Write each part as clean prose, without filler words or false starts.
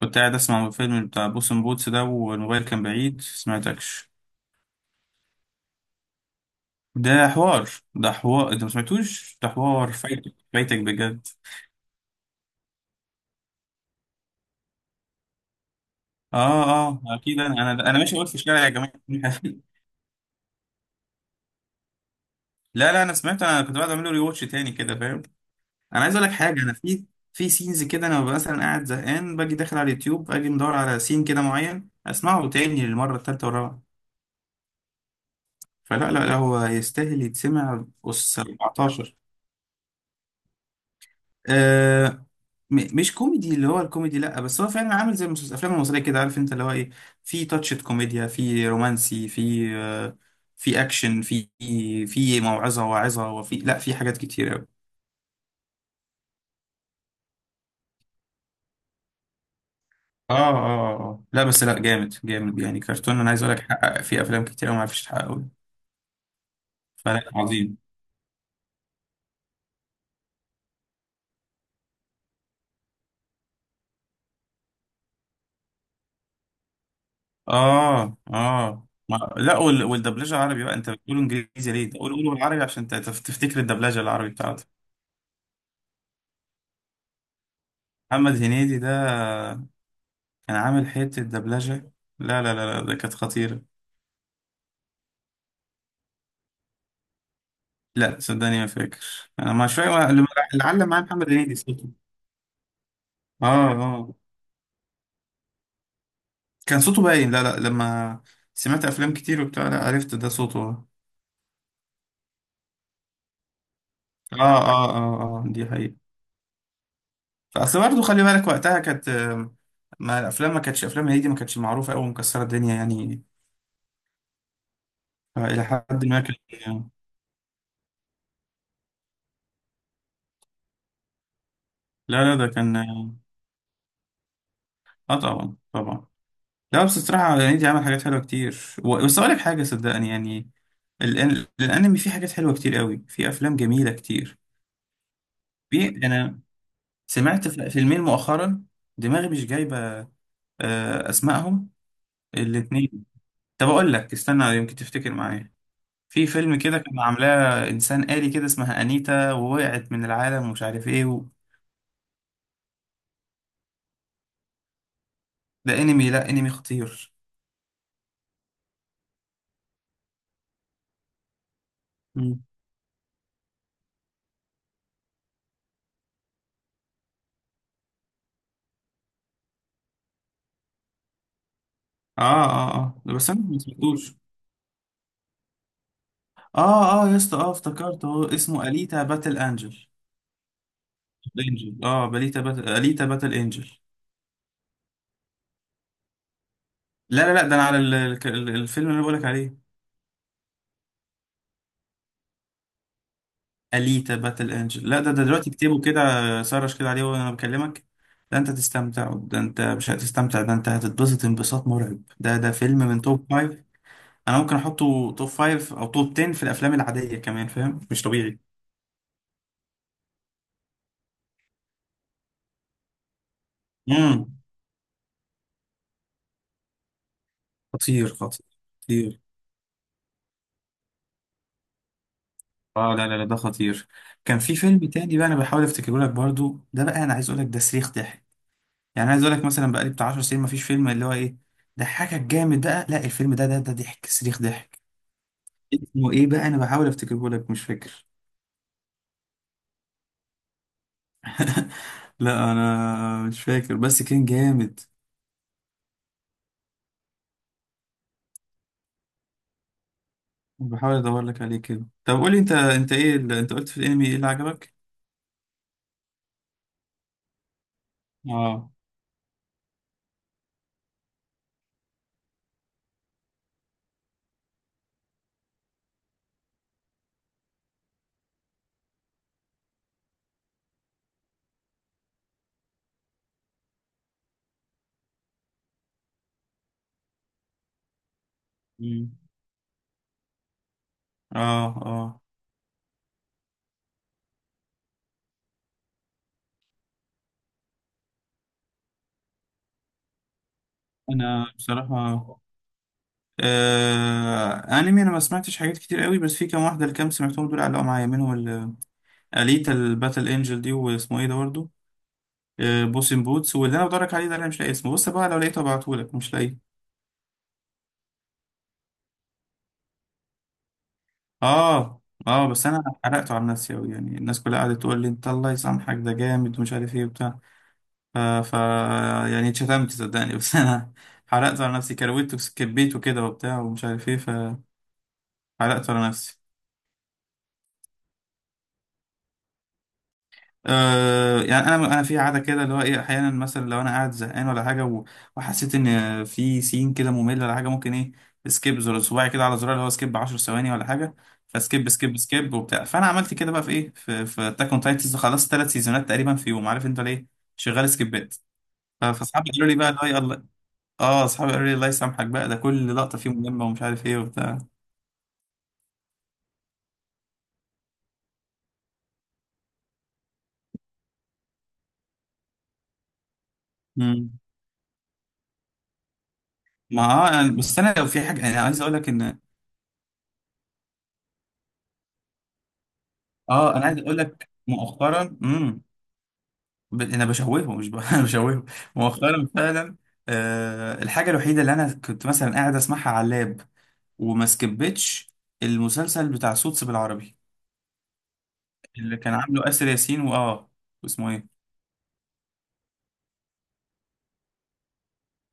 كنت قاعد اسمع الفيلم بتاع بوسن بوتس ده والموبايل كان بعيد سمعتكش. ده حوار، ده حوار، انت ما سمعتوش، ده حوار، فايتك فايتك بجد. اه اه اكيد انا ماشي اقول في الشارع يا جماعه. لا لا انا سمعت، انا كنت بعد اعمل له ريواتش تاني كده فاهم. انا عايز اقول لك حاجه، انا في في سينز كده، انا ببقى مثلا قاعد زهقان باجي داخل على اليوتيوب، اجي مدور على سين كده معين اسمعه تاني للمره الثالثه والرابعه. فلا لا لا، هو يستاهل يتسمع اس S14. آه مش كوميدي، اللي هو الكوميدي لا، بس هو فعلا عامل زي الافلام المصريه كده، عارف انت اللي هو ايه، في تاتشة كوميديا، في رومانسي، في في اكشن، في في موعظه واعظه، وفي لا في حاجات كتير قوي. اه اه آه. آه. لا بس لا، جامد جامد يعني كرتون، انا عايز اقول لك حقق في افلام كتير أوي ما عرفتش تحققه. فلا عظيم. اه اه ما لا، والدبلجه عربي بقى، انت بتقول انجليزي ليه؟ قول قول بالعربي عشان تفتكر الدبلجه العربي بتاعته. محمد هنيدي ده، انا عامل حته دبلجه. لا، ده كانت خطيره. لا صدقني ما فاكر، انا مش فاكر اللي، اللي علم معايا محمد هنيدي صوته. اه اه، كان صوته باين، لا لا، لما سمعت افلام كتير وبتاع لا عرفت ده صوته اه. اه اه اه، دي حقيقه. اصل برضه خلي بالك وقتها كانت ما الافلام، ما كانتش افلام هنيدي ما كانتش معروفه قوي مكسره الدنيا يعني. الى حد ما كان. لا لا ده كان اه، طبعا طبعا. لا بس الصراحه هنيدي عمل حاجات حلوه كتير. بس اقول لك حاجه صدقني يعني، الانمي فيه حاجات حلوه كتير قوي، فيه افلام جميله كتير. في انا سمعت فيلمين مؤخرا، دماغي مش جايبه اسمائهم الاثنين. طب اقول لك استنى يمكن تفتكر معايا، في فيلم كده كان عاملاه انسان آلي كده اسمها انيتا ووقعت من العالم ومش عارف ايه و... ده انمي، لا انمي خطير. مم. اه اه اه، ده بس انا ما سمعتوش. اه اه يا اسطى، اه افتكرت اهو، اسمه اليتا باتل انجل، انجل اه، باليتا باتل، اليتا باتل انجل. لا لا لا، ده انا على الفيلم اللي انا بقولك عليه، اليتا باتل انجل. لا ده ده دلوقتي اكتبه كده، سرش كده عليه وانا بكلمك. ده انت تستمتع، ده انت مش هتستمتع، ده انت هتتبسط انبساط مرعب، ده ده فيلم من توب فايف. انا ممكن احطه توب فايف او توب 10 في الافلام العادية كمان فاهم، مش طبيعي. امم خطير خطير خطير. اه لا لا لا ده خطير. كان في فيلم تاني بقى انا بحاول افتكره لك برضو، ده بقى انا عايز اقول لك ده صريخ ضحك. يعني عايز اقول لك مثلا بقالي بتاع 10 سنين مفيش فيلم اللي هو ايه ضحكك جامد، ده لا الفيلم ده ده ده ضحك صريخ ضحك. اسمه ايه بقى، انا بحاول افتكره لك مش فاكر. لا انا مش فاكر، بس كان جامد. بحاول ادور لك عليه كده. طب قول لي انت، انت ايه اللي انت قلت في الانمي ايه اللي عجبك. اه. مم. اه اه. انا بصراحة انمي انا ما سمعتش حاجات كتير قوي، بس في كام واحدة الكام سمعتهم دول علقوا معايا منهم اليتا الباتل انجل دي، واسمه ايه ده برضه بوسن بوتس، واللي انا بدورك عليه ده اللي انا مش لاقي اسمه، بص بقى لو لقيته ابعتهولك، مش لاقيه. اه اه، بس انا حرقته على نفسي قوي يعني، الناس كلها قعدت تقول لي انت الله يسامحك ده جامد ومش عارف ايه وبتاع. ف... ف يعني اتشتمت صدقني، بس انا حرقته على نفسي، كرويته كبيته كده وبتاع ومش عارف ايه، فحرقته على نفسي. أه يعني انا في عاده كده اللي هو ايه، احيانا مثلا لو انا قاعد زهقان ولا حاجه وحسيت ان في سين كده ممل ولا حاجه، ممكن ايه، سكيب، زر صباعي كده على زرار اللي هو سكيب 10 ثواني ولا حاجه، فسكيب سكيب سكيب وبتاع، فانا عملت كده بقى في ايه، في في اتاك اون تايتنز، خلصت ثلاث سيزونات تقريبا في يوم، عارف انت ليه؟ شغال سكيبات. فاصحابي قالوا لي بقى اللي هو الله. اه، اصحابي قالوا لي الله يسامحك بقى، ده كل لقطه فيه مهمه ومش عارف ايه وبتاع. مم. ما بس انا لو في حاجه انا عايز اقول لك ان، اه انا عايز اقول لك مؤخرا. مم. انا بشوهه مش ب... انا بشوهه مؤخرا فعلا. آه الحاجه الوحيده اللي انا كنت مثلا قاعد اسمعها على اللاب وما سكبتش، المسلسل بتاع سوتس بالعربي، اللي كان عامله اسر ياسين واه، واسمه ايه.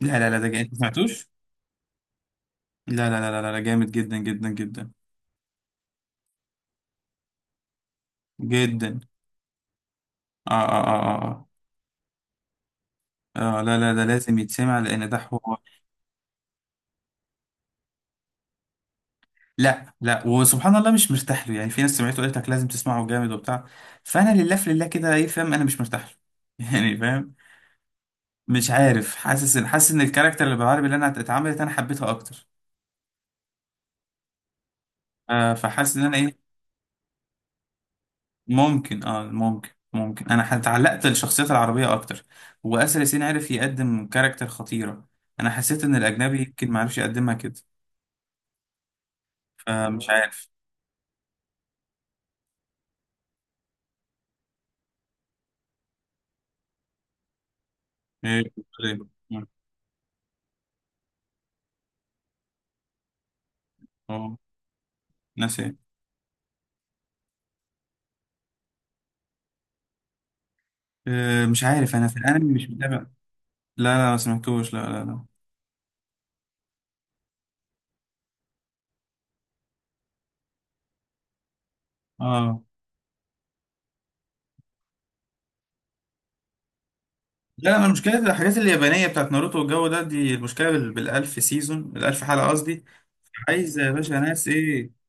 لا لا لا ده جامد، انت ما سمعتوش. لا لا لا لا لا لا، جامد جدا جدا جدا جدا. اه اه اه اه اه، لا لا ده لازم يتسمع لان ده حوار. لا لا وسبحان الله مش مرتاح له، يعني في ناس سمعته قالت لك لازم تسمعه جامد وبتاع، فانا لله في لله كده ايه فاهم، انا مش مرتاح له. يعني فاهم، مش عارف، حاسس ان، حاسس ان الكاركتر اللي بالعربي اللي انا اتعملت انا حبيتها اكتر. آه فحاسس ان انا ايه، ممكن اه ممكن ممكن انا اتعلقت بالشخصيات العربيه اكتر، واسر ياسين عرف يقدم كاركتر خطيره، انا حسيت ان الاجنبي يمكن ما عرفش يقدمها كده، فمش عارف. ايه بتقول إيه؟ اه، ناس ايه؟ مش عارف انا في الانمي مش متابع. لا لا ما سمعتوش، لا لا لا. اه لا، انا المشكله في الحاجات اليابانيه بتاعت ناروتو والجو ده، دي المشكله بالالف سيزون، الالف حلقه قصدي. عايزة يا باشا، ناس ايه؟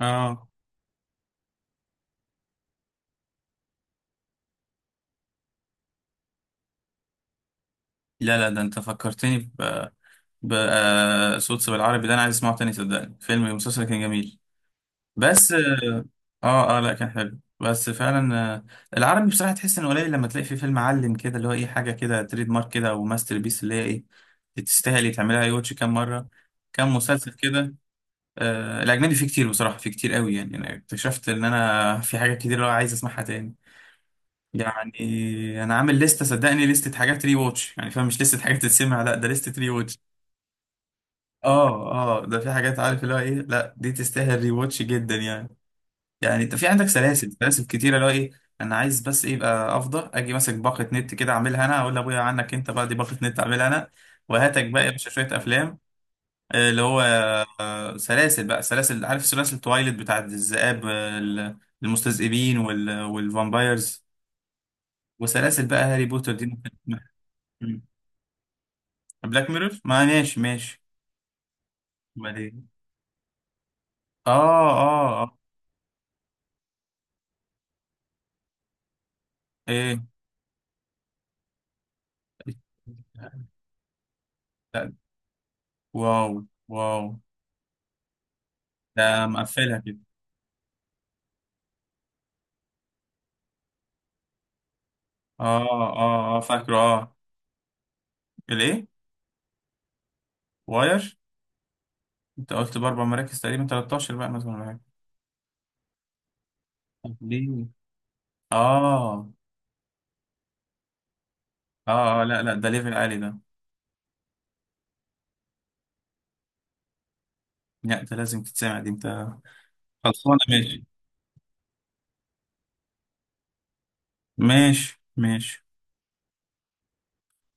اه لا لا، ده انت فكرتني ب ب آه، صوت بالعربي ده انا عايز اسمعه تاني صدقني، فيلم المسلسل كان جميل. بس اه اه لا كان حلو بس فعلا، العربي بصراحة تحس انه قليل، لما تلاقي فيه فيلم علم كده اللي هو ايه، حاجة كده تريد مارك كده او ماستر بيس اللي هي ايه، تستاهل تعملها اي واتش كام مرة، كام مسلسل كده. آه الاجنبي فيه كتير بصراحة، فيه كتير قوي يعني، انا اكتشفت ان انا في حاجات كتير اللي هو عايز اسمعها تاني، يعني انا عامل لستة صدقني، لستة حاجات ري واتش، يعني فاهم مش لستة حاجات تتسمع، لا ده لستة ري واتش. اه اه ده في حاجات عارف اللي هو ايه، لا دي تستاهل ري واتش جدا يعني. يعني انت في عندك سلاسل، سلاسل كتيرة اللي هو ايه، انا عايز بس ايه يبقى، افضل اجي ماسك باقة نت كده اعملها انا، اقول لابويا عنك انت بقى دي باقة نت اعملها انا، وهاتك بقى يا باشا شوية افلام اللي هو، سلاسل بقى، سلاسل عارف، سلاسل تويلت بتاعت الذئاب، المستذئبين والفامبايرز، وسلاسل بقى هاري بوتر دي. ممكن. بلاك ميرور، ما ماشي ماشي. امال ايه؟ اه اه اه. ايه؟ لا. واو. واو. ده مقفلها كده. اه اه اه فاكره اه. الايه؟ واير. انت قلت باربع مراكز تقريبا، 13 بقى مثلا ولا حاجه. طب ليه؟ اه اه اه لا لا ده ليفل عالي ده. لا ده لازم تتسمع دي انت. خلصانه، ماشي ماشي ماشي.